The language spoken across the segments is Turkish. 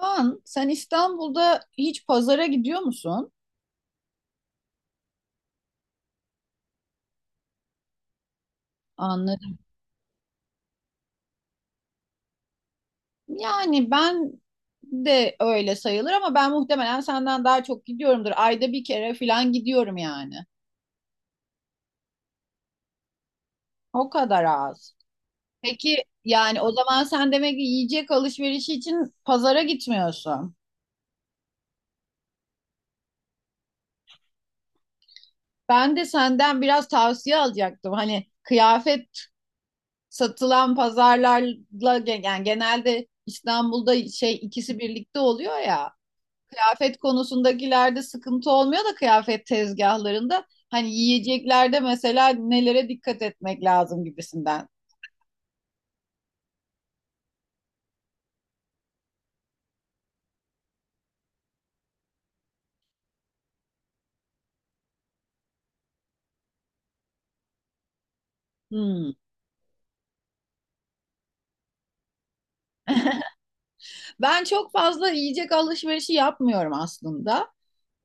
Kaan, sen İstanbul'da hiç pazara gidiyor musun? Anladım. Yani ben de öyle sayılır ama ben muhtemelen senden daha çok gidiyorumdur. Ayda bir kere falan gidiyorum yani. O kadar az. Peki yani o zaman sen demek ki yiyecek alışverişi için pazara gitmiyorsun. Ben de senden biraz tavsiye alacaktım. Hani kıyafet satılan pazarlarla yani genelde İstanbul'da şey ikisi birlikte oluyor ya. Kıyafet konusundakilerde sıkıntı olmuyor da kıyafet tezgahlarında hani yiyeceklerde mesela nelere dikkat etmek lazım gibisinden. Hmm. Ben çok fazla yiyecek alışverişi yapmıyorum aslında.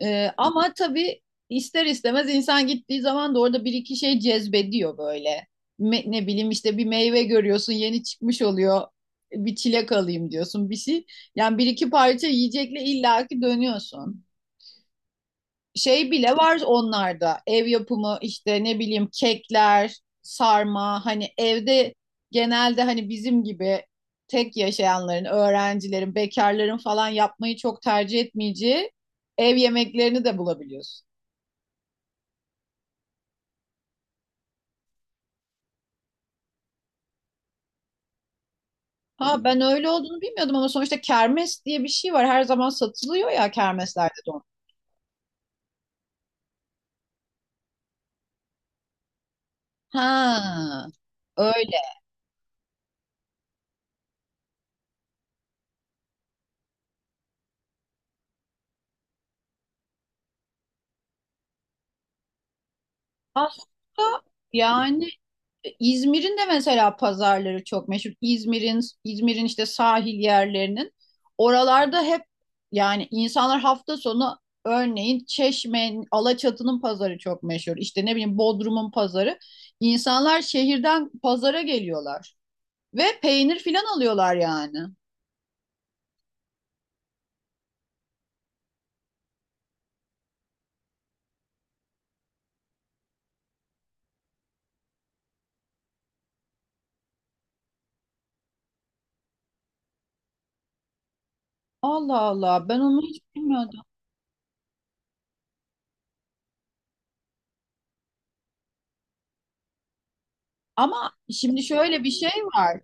Ama tabii ister istemez insan gittiği zaman da orada bir iki şey cezbediyor böyle. Ne bileyim işte bir meyve görüyorsun yeni çıkmış oluyor. Bir çilek alayım diyorsun bir şey. Yani bir iki parça yiyecekle illaki dönüyorsun. Şey bile var onlarda. Ev yapımı işte ne bileyim kekler, sarma hani evde genelde hani bizim gibi tek yaşayanların, öğrencilerin, bekarların falan yapmayı çok tercih etmeyeceği ev yemeklerini de bulabiliyorsun. Ha ben öyle olduğunu bilmiyordum ama sonuçta kermes diye bir şey var. Her zaman satılıyor ya kermeslerde de. Ha öyle. Aslında yani İzmir'in de mesela pazarları çok meşhur. İzmir'in işte sahil yerlerinin oralarda hep yani insanlar hafta sonu örneğin Çeşme'nin Alaçatı'nın pazarı çok meşhur. İşte ne bileyim Bodrum'un pazarı. İnsanlar şehirden pazara geliyorlar ve peynir filan alıyorlar yani. Allah Allah ben onu hiç bilmiyordum. Ama şimdi şöyle bir şey var.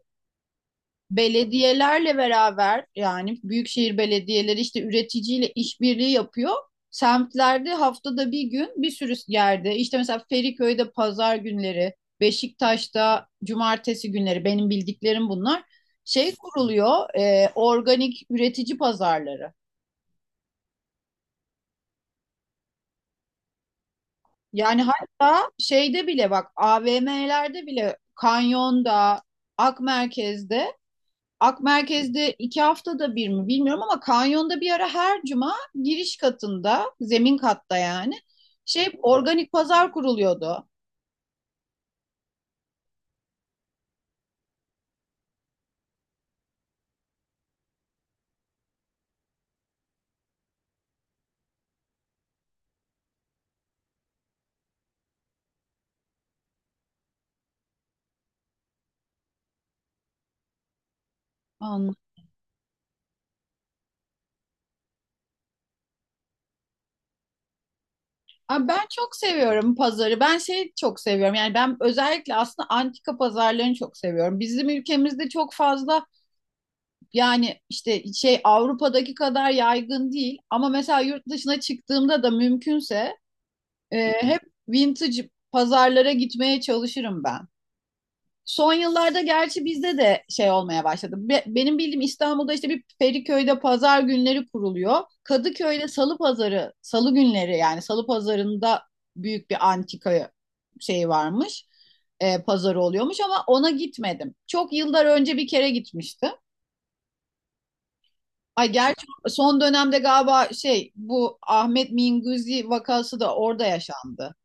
Belediyelerle beraber yani büyükşehir belediyeleri işte üreticiyle işbirliği yapıyor. Semtlerde haftada bir gün bir sürü yerde işte mesela Feriköy'de pazar günleri, Beşiktaş'ta cumartesi günleri benim bildiklerim bunlar. Şey kuruluyor organik üretici pazarları. Yani hatta şeyde bile bak AVM'lerde bile Kanyon'da, Akmerkez'de Ak Merkez'de 2 haftada bir mi bilmiyorum ama kanyonda bir ara her cuma giriş katında, zemin katta yani şey organik pazar kuruluyordu. Anladım. Aa, ben çok seviyorum pazarı. Ben şey çok seviyorum. Yani ben özellikle aslında antika pazarlarını çok seviyorum. Bizim ülkemizde çok fazla yani işte şey Avrupa'daki kadar yaygın değil. Ama mesela yurt dışına çıktığımda da mümkünse hep vintage pazarlara gitmeye çalışırım ben. Son yıllarda gerçi bizde de şey olmaya başladı. Benim bildiğim İstanbul'da işte bir Feriköy'de pazar günleri kuruluyor. Kadıköy'de salı pazarı, salı günleri yani salı pazarında büyük bir antika şey varmış. Pazarı oluyormuş ama ona gitmedim. Çok yıllar önce bir kere gitmiştim. Ay gerçi son dönemde galiba şey bu Ahmet Minguzi vakası da orada yaşandı.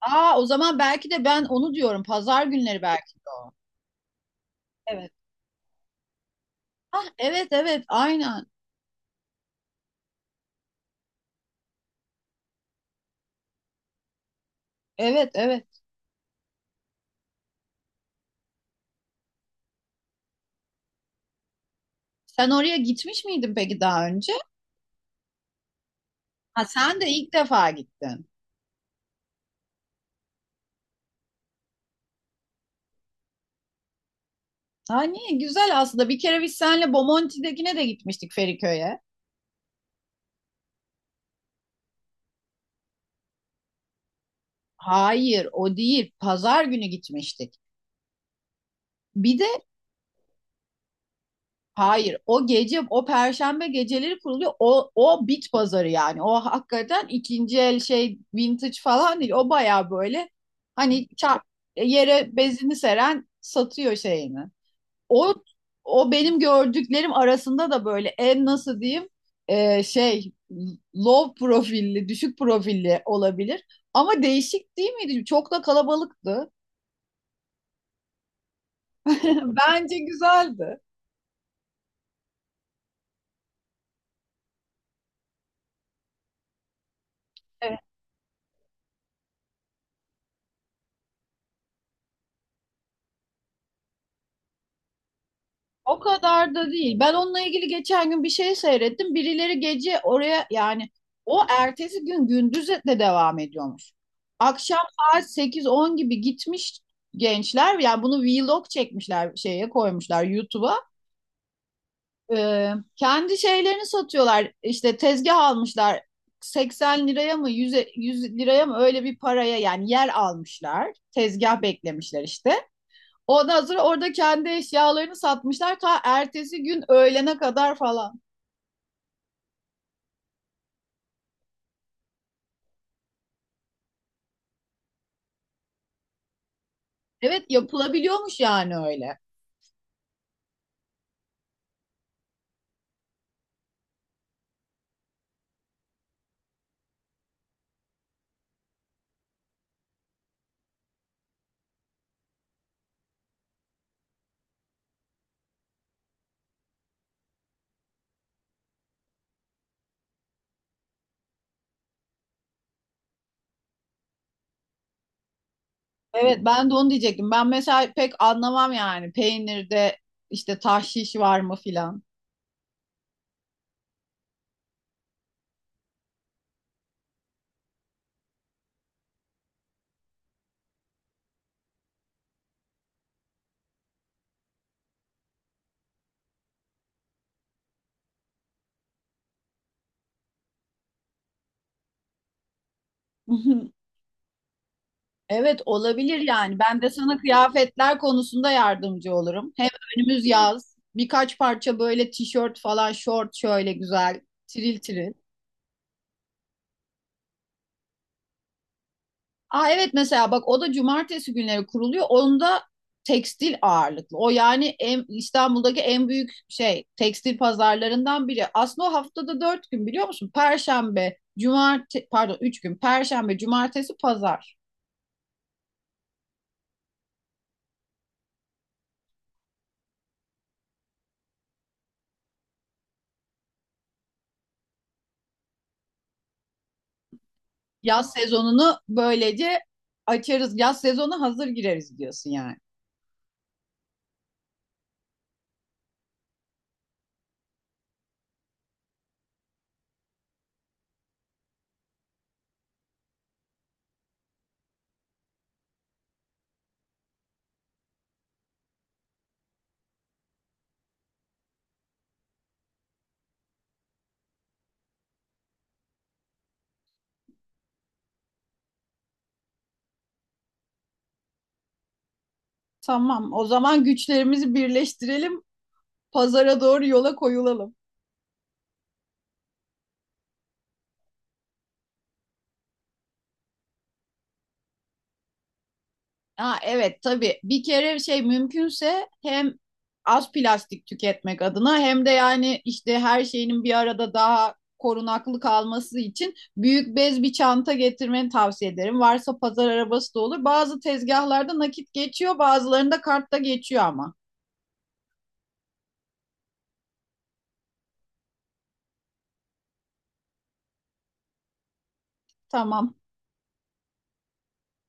Aa, o zaman belki de ben onu diyorum. Pazar günleri belki de o. Evet. Ah, evet, evet, aynen. Evet, evet. Sen oraya gitmiş miydin peki daha önce? Ha, sen de ilk defa gittin. Ha, niye? Güzel aslında. Bir kere biz seninle Bomonti'dekine de gitmiştik Feriköy'e. Hayır o değil. Pazar günü gitmiştik. Bir de hayır, o gece, o perşembe geceleri kuruluyor. O bit pazarı yani. O hakikaten ikinci el şey vintage falan değil. O baya böyle hani çarp, yere bezini seren satıyor şeyini. O, o benim gördüklerim arasında da böyle en nasıl diyeyim şey low profilli, düşük profilli olabilir. Ama değişik değil miydi? Çok da kalabalıktı. Bence güzeldi. O kadar da değil. Ben onunla ilgili geçen gün bir şey seyrettim. Birileri gece oraya yani o ertesi gün gündüz de devam ediyormuş. Akşam saat 8-10 gibi gitmiş gençler. Yani bunu vlog çekmişler şeye koymuşlar YouTube'a. Ee, Kendi şeylerini satıyorlar. İşte tezgah almışlar. 80 liraya mı 100 100 liraya mı öyle bir paraya yani yer almışlar. Tezgah beklemişler işte. Ondan sonra orada kendi eşyalarını satmışlar ta ertesi gün öğlene kadar falan. Evet yapılabiliyormuş yani öyle. Evet ben de onu diyecektim. Ben mesela pek anlamam yani peynirde işte tahşiş var mı filan. Evet olabilir yani. Ben de sana kıyafetler konusunda yardımcı olurum. Hem önümüz yaz. Birkaç parça böyle tişört falan, şort şöyle güzel, tiril tiril. Aa evet mesela bak o da cumartesi günleri kuruluyor. Onda tekstil ağırlıklı. O yani en, İstanbul'daki en büyük şey tekstil pazarlarından biri. Aslında o haftada 4 gün biliyor musun? Perşembe, cumartesi, pardon 3 gün. Perşembe, cumartesi, pazar. Yaz sezonunu böylece açarız. Yaz sezonu hazır gireriz diyorsun yani. Tamam, o zaman güçlerimizi birleştirelim. Pazara doğru yola koyulalım. Ha evet tabii. Bir kere şey mümkünse hem az plastik tüketmek adına hem de yani işte her şeyinin bir arada daha korunaklı kalması için büyük bez bir çanta getirmeni tavsiye ederim. Varsa pazar arabası da olur. Bazı tezgahlarda nakit geçiyor, bazılarında kartta geçiyor ama. Tamam.